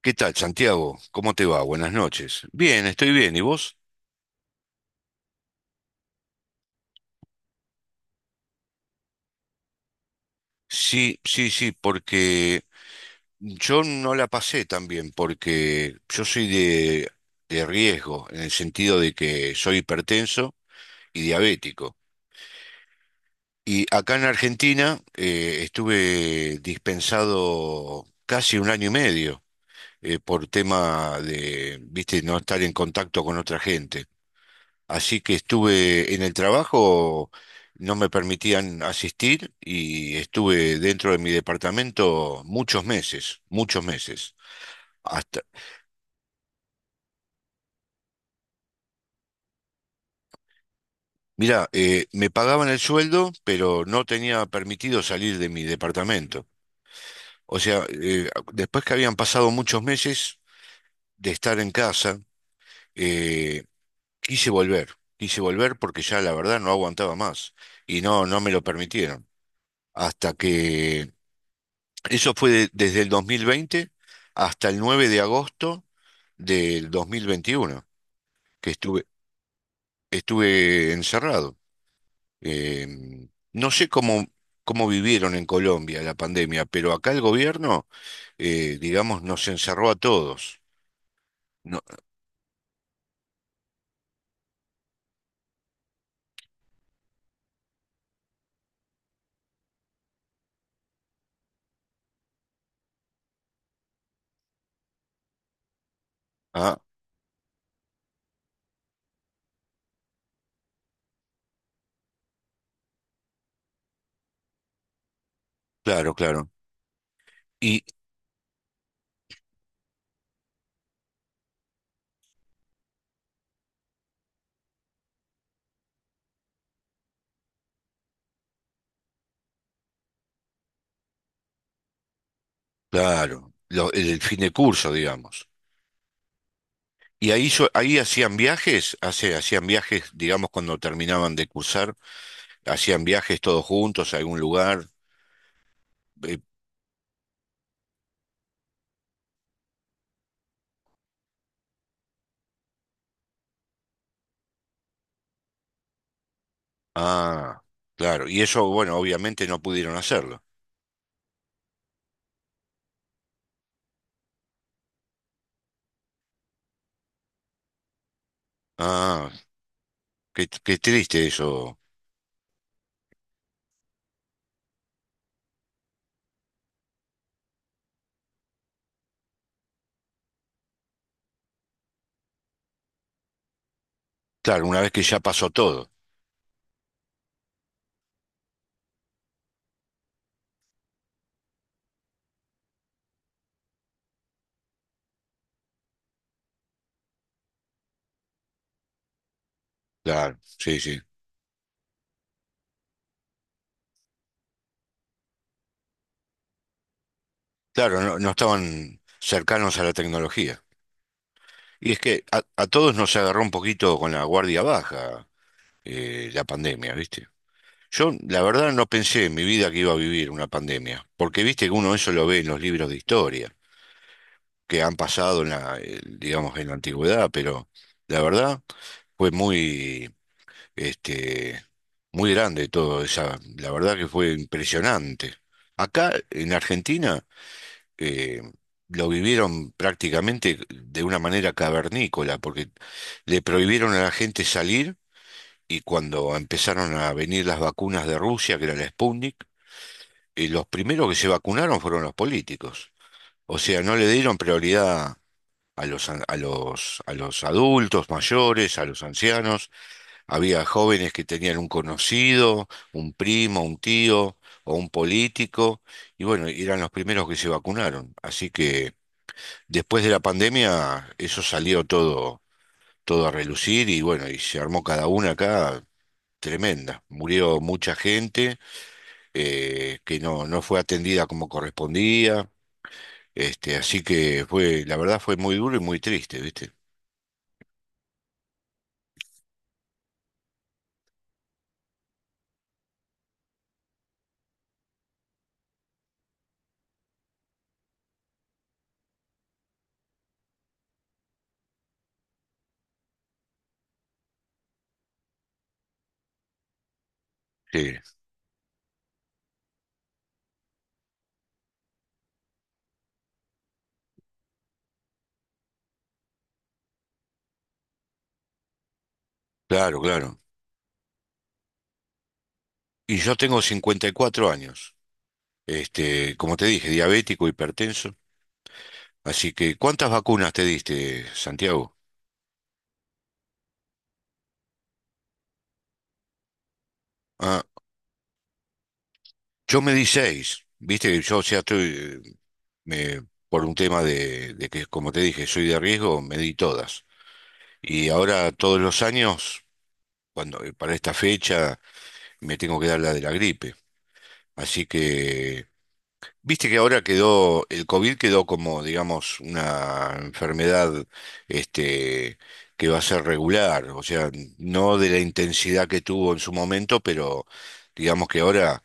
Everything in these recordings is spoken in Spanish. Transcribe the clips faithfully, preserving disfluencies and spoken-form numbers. ¿Qué tal, Santiago? ¿Cómo te va? Buenas noches. Bien, estoy bien. ¿Y vos? Sí, sí, sí, porque yo no la pasé tan bien, porque yo soy de, de riesgo, en el sentido de que soy hipertenso y diabético. Y acá en Argentina eh, estuve dispensado casi un año y medio, eh, por tema de, viste, no estar en contacto con otra gente. Así que estuve en el trabajo, no me permitían asistir y estuve dentro de mi departamento muchos meses, muchos meses. Hasta, mira, eh, me pagaban el sueldo, pero no tenía permitido salir de mi departamento. O sea, eh, después que habían pasado muchos meses de estar en casa, eh, quise volver, quise volver porque ya la verdad no aguantaba más y no, no me lo permitieron. Hasta que eso fue de- desde el dos mil veinte hasta el nueve de agosto del dos mil veintiuno que estuve, estuve encerrado. Eh, no sé cómo, cómo vivieron en Colombia la pandemia, pero acá el gobierno, eh, digamos, nos encerró a todos. No- ah, claro, claro. Y claro, lo- el, fin de curso, digamos. Y ahí, yo- ahí hacían viajes, hace- hacían viajes, digamos, cuando terminaban de cursar, hacían viajes todos juntos a algún lugar. eh, Ah, claro. Y eso, bueno, obviamente no pudieron hacerlo. Ah, qué, qué triste eso. Claro, una vez que ya pasó todo. Claro, sí, sí. Claro, no, no estaban cercanos a la tecnología. Y es que a, a todos nos agarró un poquito con la guardia baja, eh, la pandemia, ¿viste? Yo, la verdad, no pensé en mi vida que iba a vivir una pandemia, porque viste que uno eso lo ve en los libros de historia, que han pasado en la, eh, digamos, en la antigüedad, pero la verdad fue muy este, muy grande todo, esa, la verdad que fue impresionante. Acá en Argentina eh, lo vivieron prácticamente de una manera cavernícola, porque le prohibieron a la gente salir y cuando empezaron a venir las vacunas de Rusia, que era la Sputnik, eh, los primeros que se vacunaron fueron los políticos. O sea, no le dieron prioridad a los, an- a los, a los adultos mayores, a los ancianos, había jóvenes que tenían un conocido, un primo, un tío o un político, y bueno, eran los primeros que se vacunaron. Así que después de la pandemia, eso salió todo, todo a relucir y bueno, y se armó cada una acá tremenda. Murió mucha gente eh, que no, no fue atendida como correspondía. Este, así que fue, la verdad fue muy duro y muy triste, ¿viste? Sí, claro, claro. Y yo tengo cincuenta y cuatro años. Este, como te dije, diabético, hipertenso. Así que, ¿cuántas vacunas te diste, Santiago? Ah, yo me di seis, viste que yo, o sea, estoy, eh, me- por un tema de, de que, como te dije, soy de riesgo, me di todas. Y ahora todos los años, cuando, eh, para esta fecha, me tengo que dar la de la gripe. Así que viste que ahora quedó, el COVID quedó como, digamos, una enfermedad este, que va a ser regular, o sea, no de la intensidad que tuvo en su momento, pero digamos que ahora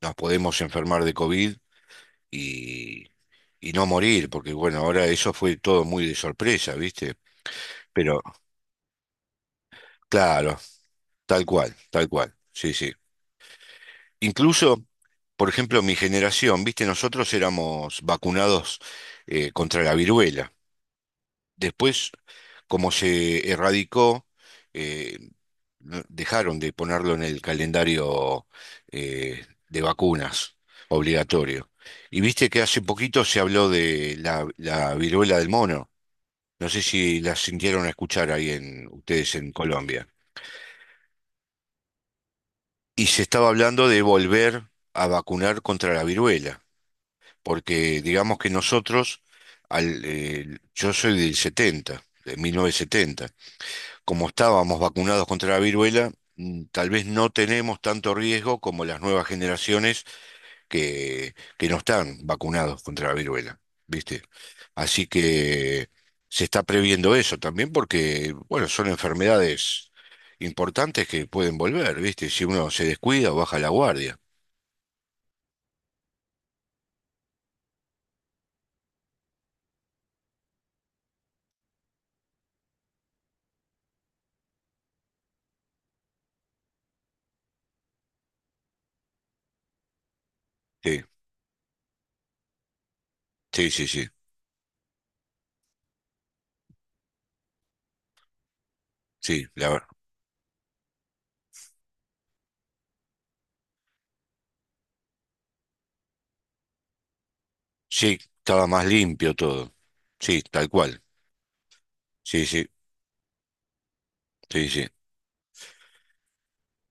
nos podemos enfermar de COVID y, y no morir, porque bueno, ahora eso fue todo muy de sorpresa, ¿viste? Pero claro, tal cual, tal cual, sí, sí. Incluso, por ejemplo, mi generación, ¿viste? Nosotros éramos vacunados eh, contra la viruela. Después, como se erradicó, eh, no- dejaron de ponerlo en el calendario eh, de vacunas obligatorio. Y viste que hace poquito se habló de la, la viruela del mono. No sé si la sintieron a escuchar ahí en ustedes en Colombia. Y se estaba hablando de volver a vacunar contra la viruela, porque digamos que nosotros, al, eh, yo soy del setenta, de mil novecientos setenta. Como estábamos vacunados contra la viruela, mm, tal vez no tenemos tanto riesgo como las nuevas generaciones que, que no están vacunados contra la viruela, ¿viste? Así que se está previendo eso también porque, bueno, son enfermedades importantes que pueden volver, ¿viste? Si uno se descuida o baja la guardia. Sí, sí, sí, sí, sí, la ver- sí, estaba más limpio todo. Sí, tal cual. Sí, sí, sí, sí.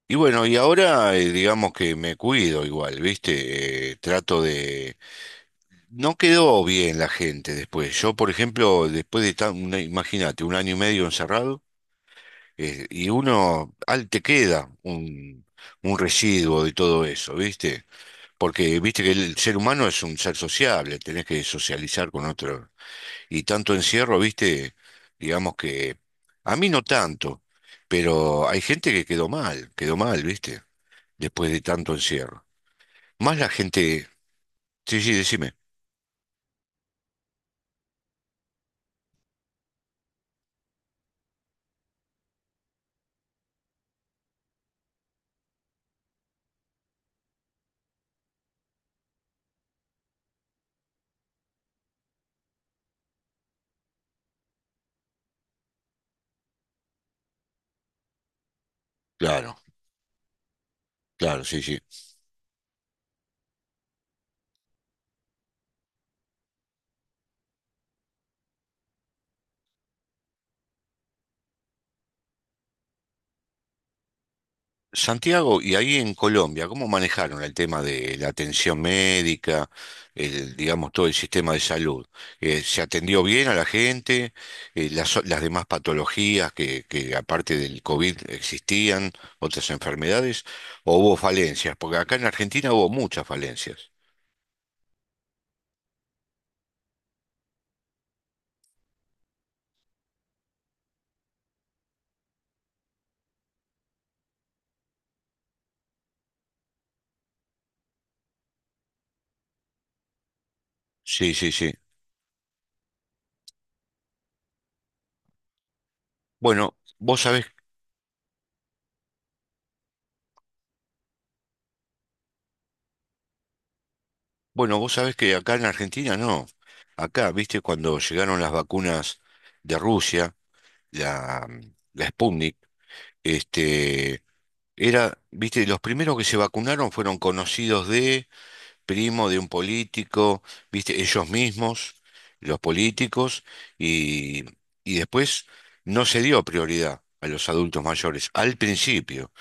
Y bueno, y ahora eh, digamos que me cuido igual, ¿viste? Eh, trato de... No quedó bien la gente después. Yo, por ejemplo, después de tan, una- imagínate, un año y medio encerrado, eh, y uno, al te queda un, un residuo de todo eso, ¿viste? Porque, viste que el ser humano es un ser sociable, tenés que socializar con otro. Y tanto encierro, ¿viste? Digamos que... A mí no tanto, pero hay gente que quedó mal, quedó mal, ¿viste? Después de tanto encierro. Más la gente. Sí, sí, decime. Claro, claro, sí, sí. Santiago, y ahí en Colombia, ¿cómo manejaron el tema de la atención médica, el, digamos, todo el sistema de salud? Eh, ¿se atendió bien a la gente? Eh, las, o- las demás patologías que, que aparte del COVID existían, otras enfermedades, ¿o hubo falencias? Porque acá en Argentina hubo muchas falencias. Sí, sí, sí. Bueno, vos sabés. Bueno, vos sabés que acá en Argentina no. Acá, viste, cuando llegaron las vacunas de Rusia, la, mm, la Sputnik, este, era, viste, los primeros que se vacunaron fueron conocidos de, primo de un político, viste, ellos mismos, los políticos, y, y después no se dio prioridad a los adultos mayores, al principio.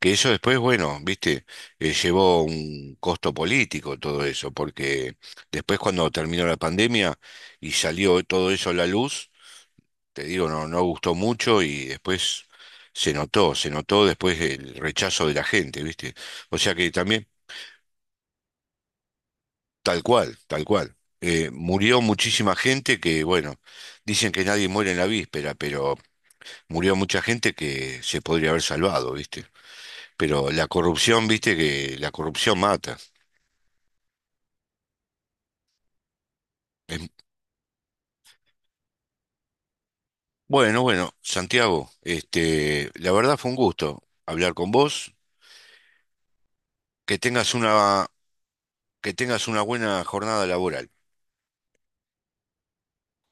Que eso después, bueno, viste, eh, llevó un costo político todo eso, porque después cuando terminó la pandemia y salió todo eso a la luz, te digo, no, no gustó mucho y después se notó, se notó después el rechazo de la gente, viste. O sea que también, tal cual, tal cual. Eh, murió muchísima gente que, bueno, dicen que nadie muere en la víspera, pero murió mucha gente que se podría haber salvado, viste. Pero la corrupción, viste, que la corrupción mata. Es Bueno, bueno, Santiago, este, la verdad fue un gusto hablar con vos. Que tengas una, que tengas una buena jornada laboral.